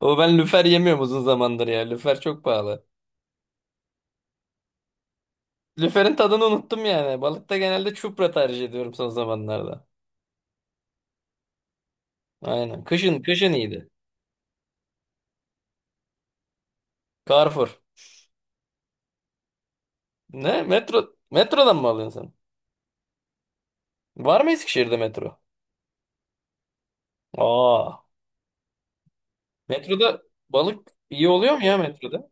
O ben lüfer yemiyorum uzun zamandır ya. Lüfer çok pahalı. Lüferin tadını unuttum yani. Balıkta genelde çupra tercih ediyorum son zamanlarda. Aynen. Kışın kışın iyiydi. Carrefour. Ne? Metrodan mı alıyorsun sen? Var mı Eskişehir'de metro? Aa. Metroda balık iyi oluyor mu ya metroda?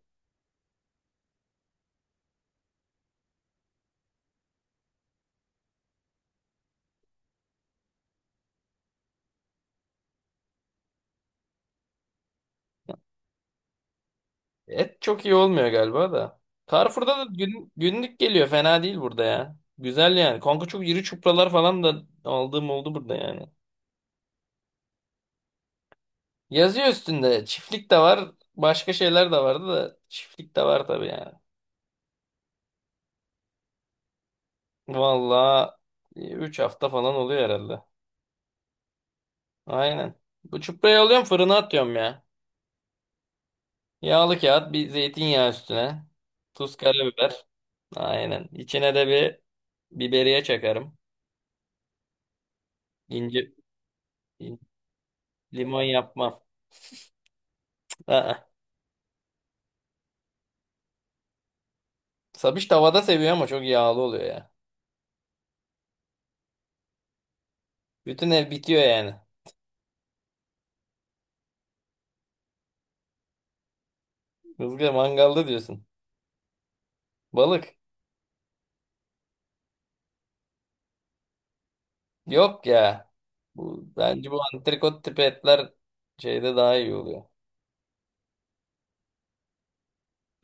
Et çok iyi olmuyor galiba da. Carrefour'da da günlük geliyor. Fena değil burada ya. Güzel yani. Kanka çok iri çupralar falan da aldığım oldu burada yani. Yazıyor üstünde. Çiftlik de var. Başka şeyler de vardı da çiftlik de var tabii yani. Vallahi 3 hafta falan oluyor herhalde. Aynen. Bu çuprayı alıyorum fırına atıyorum ya. Yağlı kağıt bir zeytinyağı üstüne. Tuz karabiber. Aynen. İçine de bir biberiye çakarım. İnci, in- limon yapmam. Aa. Sabiş tavada seviyor ama çok yağlı oluyor ya. Bütün ev bitiyor yani. Kızgın mangalda diyorsun. Balık. Yok ya. Bence bu antrikot tipi etler şeyde daha iyi oluyor.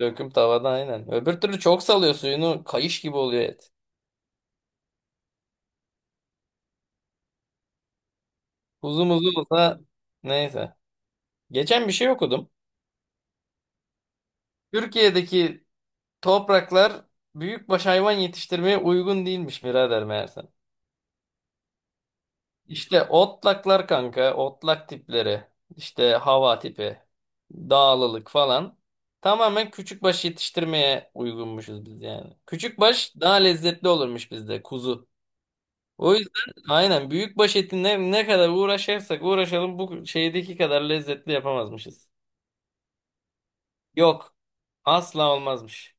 Döküm tavada aynen. Öbür türlü çok salıyor suyunu kayış gibi oluyor et. Uzun uzun olsa neyse. Geçen bir şey okudum. Türkiye'deki topraklar büyükbaş hayvan yetiştirmeye uygun değilmiş birader meğerse. İşte otlaklar kanka, otlak tipleri, işte hava tipi, dağlılık falan tamamen küçükbaş yetiştirmeye uygunmuşuz biz yani. Küçükbaş daha lezzetli olurmuş bizde kuzu. O yüzden aynen büyükbaş eti ne kadar uğraşırsak uğraşalım bu şeydeki kadar lezzetli yapamazmışız. Yok, asla olmazmış.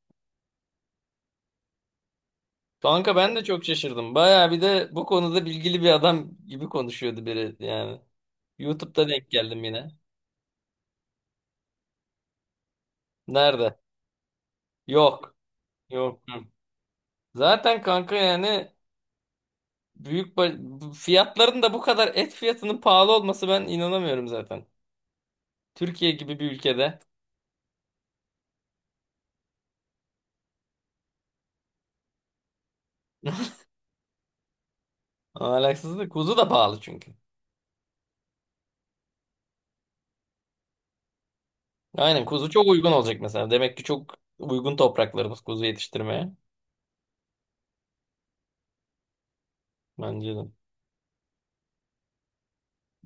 Kanka ben de çok şaşırdım. Baya bir de bu konuda bilgili bir adam gibi konuşuyordu biri yani. YouTube'da denk geldim yine. Nerede? Yok. Yok. Yok. Zaten kanka yani büyük ba- fiyatların da bu kadar et fiyatının pahalı olması ben inanamıyorum zaten. Türkiye gibi bir ülkede. Alaksızlık. Kuzu da pahalı çünkü. Aynen kuzu çok uygun olacak mesela. Demek ki çok uygun topraklarımız kuzu yetiştirmeye. Bence de.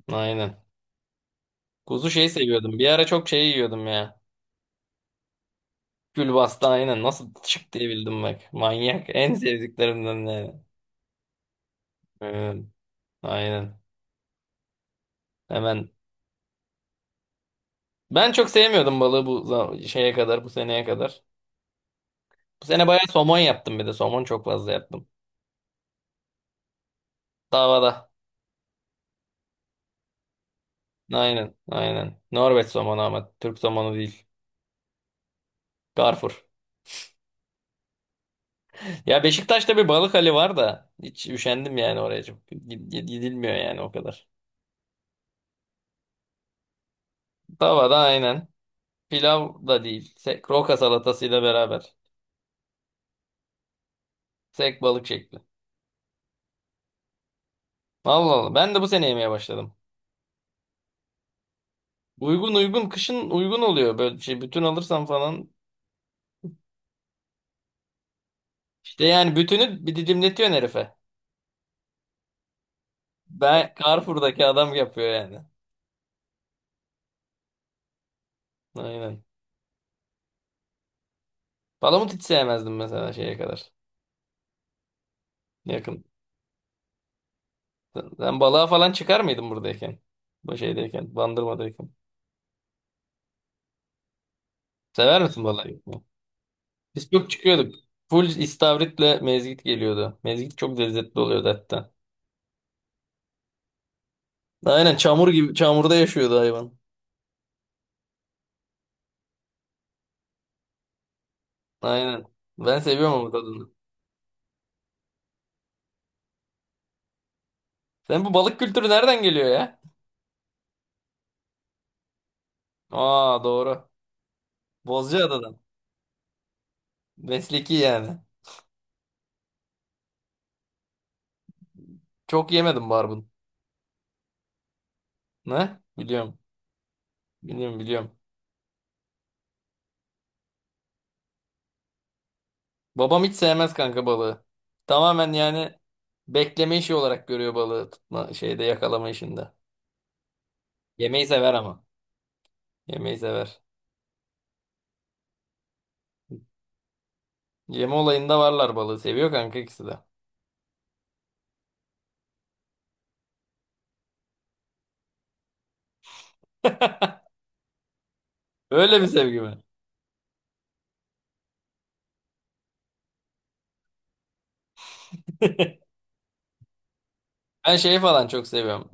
Aynen. Kuzu şey seviyordum. Bir ara çok şey yiyordum ya. Külbasta aynen. Nasıl çık diye bildim bak. Manyak. En sevdiklerimden yani. Evet. Aynen. Hemen. Ben çok sevmiyordum balığı şeye kadar, bu seneye kadar. Bu sene bayağı somon yaptım bir de. Somon çok fazla yaptım. Davada. Aynen, aynen. Norveç somonu ama Türk somonu değil. Garfur. Ya Beşiktaş'ta bir balık hali var da hiç üşendim yani oraya. Gidilmiyor yani o kadar. Davada aynen. Pilav da değil. Sek, roka salatasıyla beraber. Sek balık şekli. Allah Allah. Ben de bu sene yemeye başladım. Uygun uygun. Kışın uygun oluyor böyle şey. Bütün alırsam falan. İşte yani bütünü bir didimletiyorsun herife. Ben Carrefour'daki adam yapıyor yani. Aynen. Palamut hiç sevmezdim mesela şeye kadar. Yakın. Sen balığa falan çıkar mıydın buradayken? Bu şeydeyken, Bandırma'dayken. Sever misin balığa gitmeyi? Biz çok çıkıyorduk. Full istavritle mezgit geliyordu. Mezgit çok lezzetli oluyordu hatta. Aynen çamur gibi, çamurda yaşıyordu hayvan. Aynen. Ben seviyorum ama bu tadını. Sen bu balık kültürü nereden geliyor ya? Aa, doğru. Bozcaada'dan. Mesleki yani. Çok yemedim barbun. Ne? Biliyorum. Biliyorum biliyorum. Babam hiç sevmez kanka balığı. Tamamen yani bekleme işi olarak görüyor balığı tutma şeyde yakalama işinde. Yemeği sever ama. Yemeği sever. Yeme olayında varlar balığı. Seviyor kanka ikisi de. Öyle bir sevgi mi? Ben şeyi falan çok seviyorum.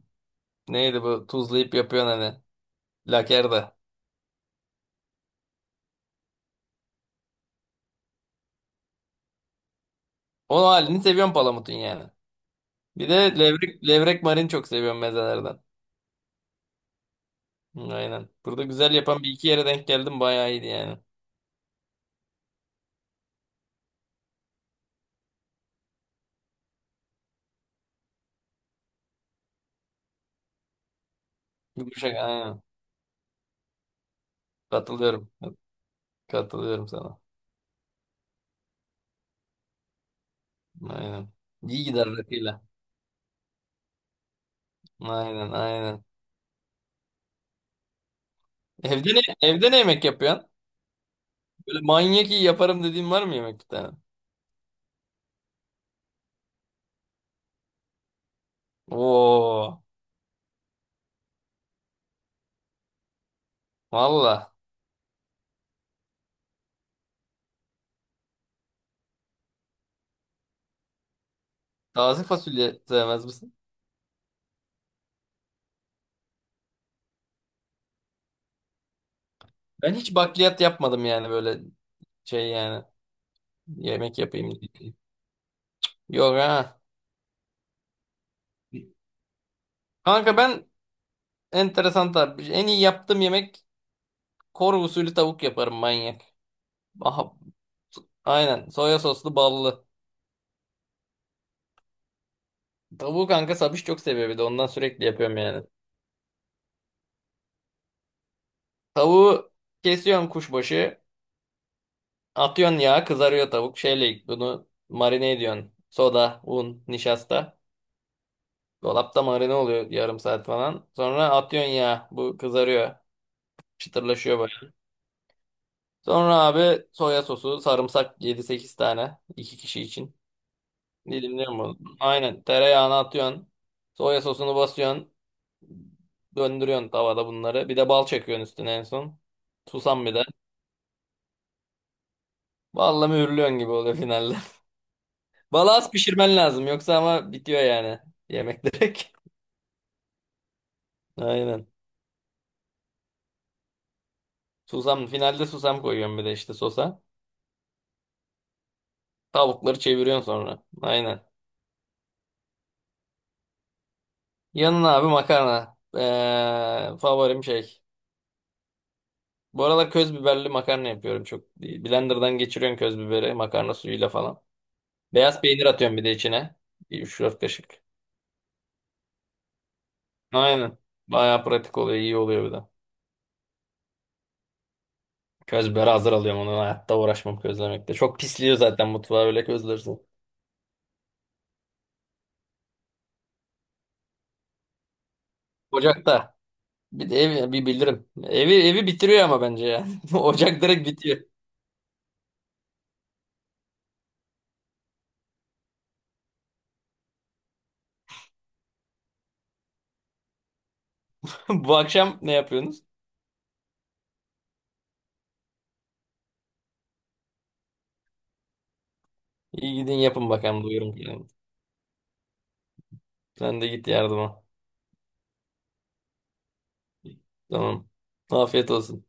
Neydi bu tuzlayıp yapıyorsun hani. Lakerda. O halini seviyorum palamutun yani. Bir de levrek marin çok seviyorum mezelerden. Hı, aynen. Burada güzel yapan bir iki yere denk geldim. Bayağı iyiydi yani. Yumuşak aynen. Katılıyorum. Katılıyorum sana. Aynen. İyi gider rakıyla. Aynen aynen. Evde ne yemek yapıyorsun? Böyle manyak iyi yaparım dediğin var mı yemek bir tane? Oo, valla. Taze fasulye sevmez misin? Ben hiç bakliyat yapmadım yani böyle şey yani. Yemek yapayım diye. Yok ha. Kanka ben enteresan tarif. En iyi yaptığım yemek Kore usulü tavuk yaparım manyak. Aha, aynen. Soya soslu ballı. Tavuğu kanka Sabiş çok seviyor bir de ondan sürekli yapıyorum yani. Tavuğu kesiyorsun kuşbaşı. Atıyorsun yağa kızarıyor tavuk. Şeyle bunu marine ediyorsun. Soda, un, nişasta. Dolapta marine oluyor yarım saat falan. Sonra atıyorsun yağa. Bu kızarıyor. Çıtırlaşıyor böyle. Sonra abi soya sosu, sarımsak 7-8 tane. İki kişi için. Dilimliyorum bunu. Aynen tereyağını atıyorsun. Soya sosunu basıyorsun. Döndürüyorsun tavada bunları. Bir de bal çekiyorsun üstüne en son. Susam bir de. Vallahi mühürlüyorsun gibi oluyor finalde. Balığı az pişirmen lazım yoksa ama bitiyor yani yemek direkt. Aynen. Susam finalde susam koyuyorum bir de işte sosa. Tavukları çeviriyorsun sonra. Aynen. Yanına abi makarna. Favorim şey. Bu aralar köz biberli makarna yapıyorum çok. Blender'dan geçiriyorum köz biberi makarna suyuyla falan. Beyaz peynir atıyorum bir de içine. Bir 3-4 kaşık. Aynen. Bayağı pratik oluyor, iyi oluyor bir de. Köz biberi hazır alıyorum onu. Hayatta uğraşmam közlemekte. Çok pisliyor zaten mutfağı öyle közlersin. Ocakta. Bir de bir bildirim. Evi bitiriyor ama bence ya. Ocak direkt bitiyor. Bu akşam ne yapıyorsunuz? İyi gidin yapın bakalım duyurum. Yani. Sen de git yardıma. Tamam. Afiyet olsun.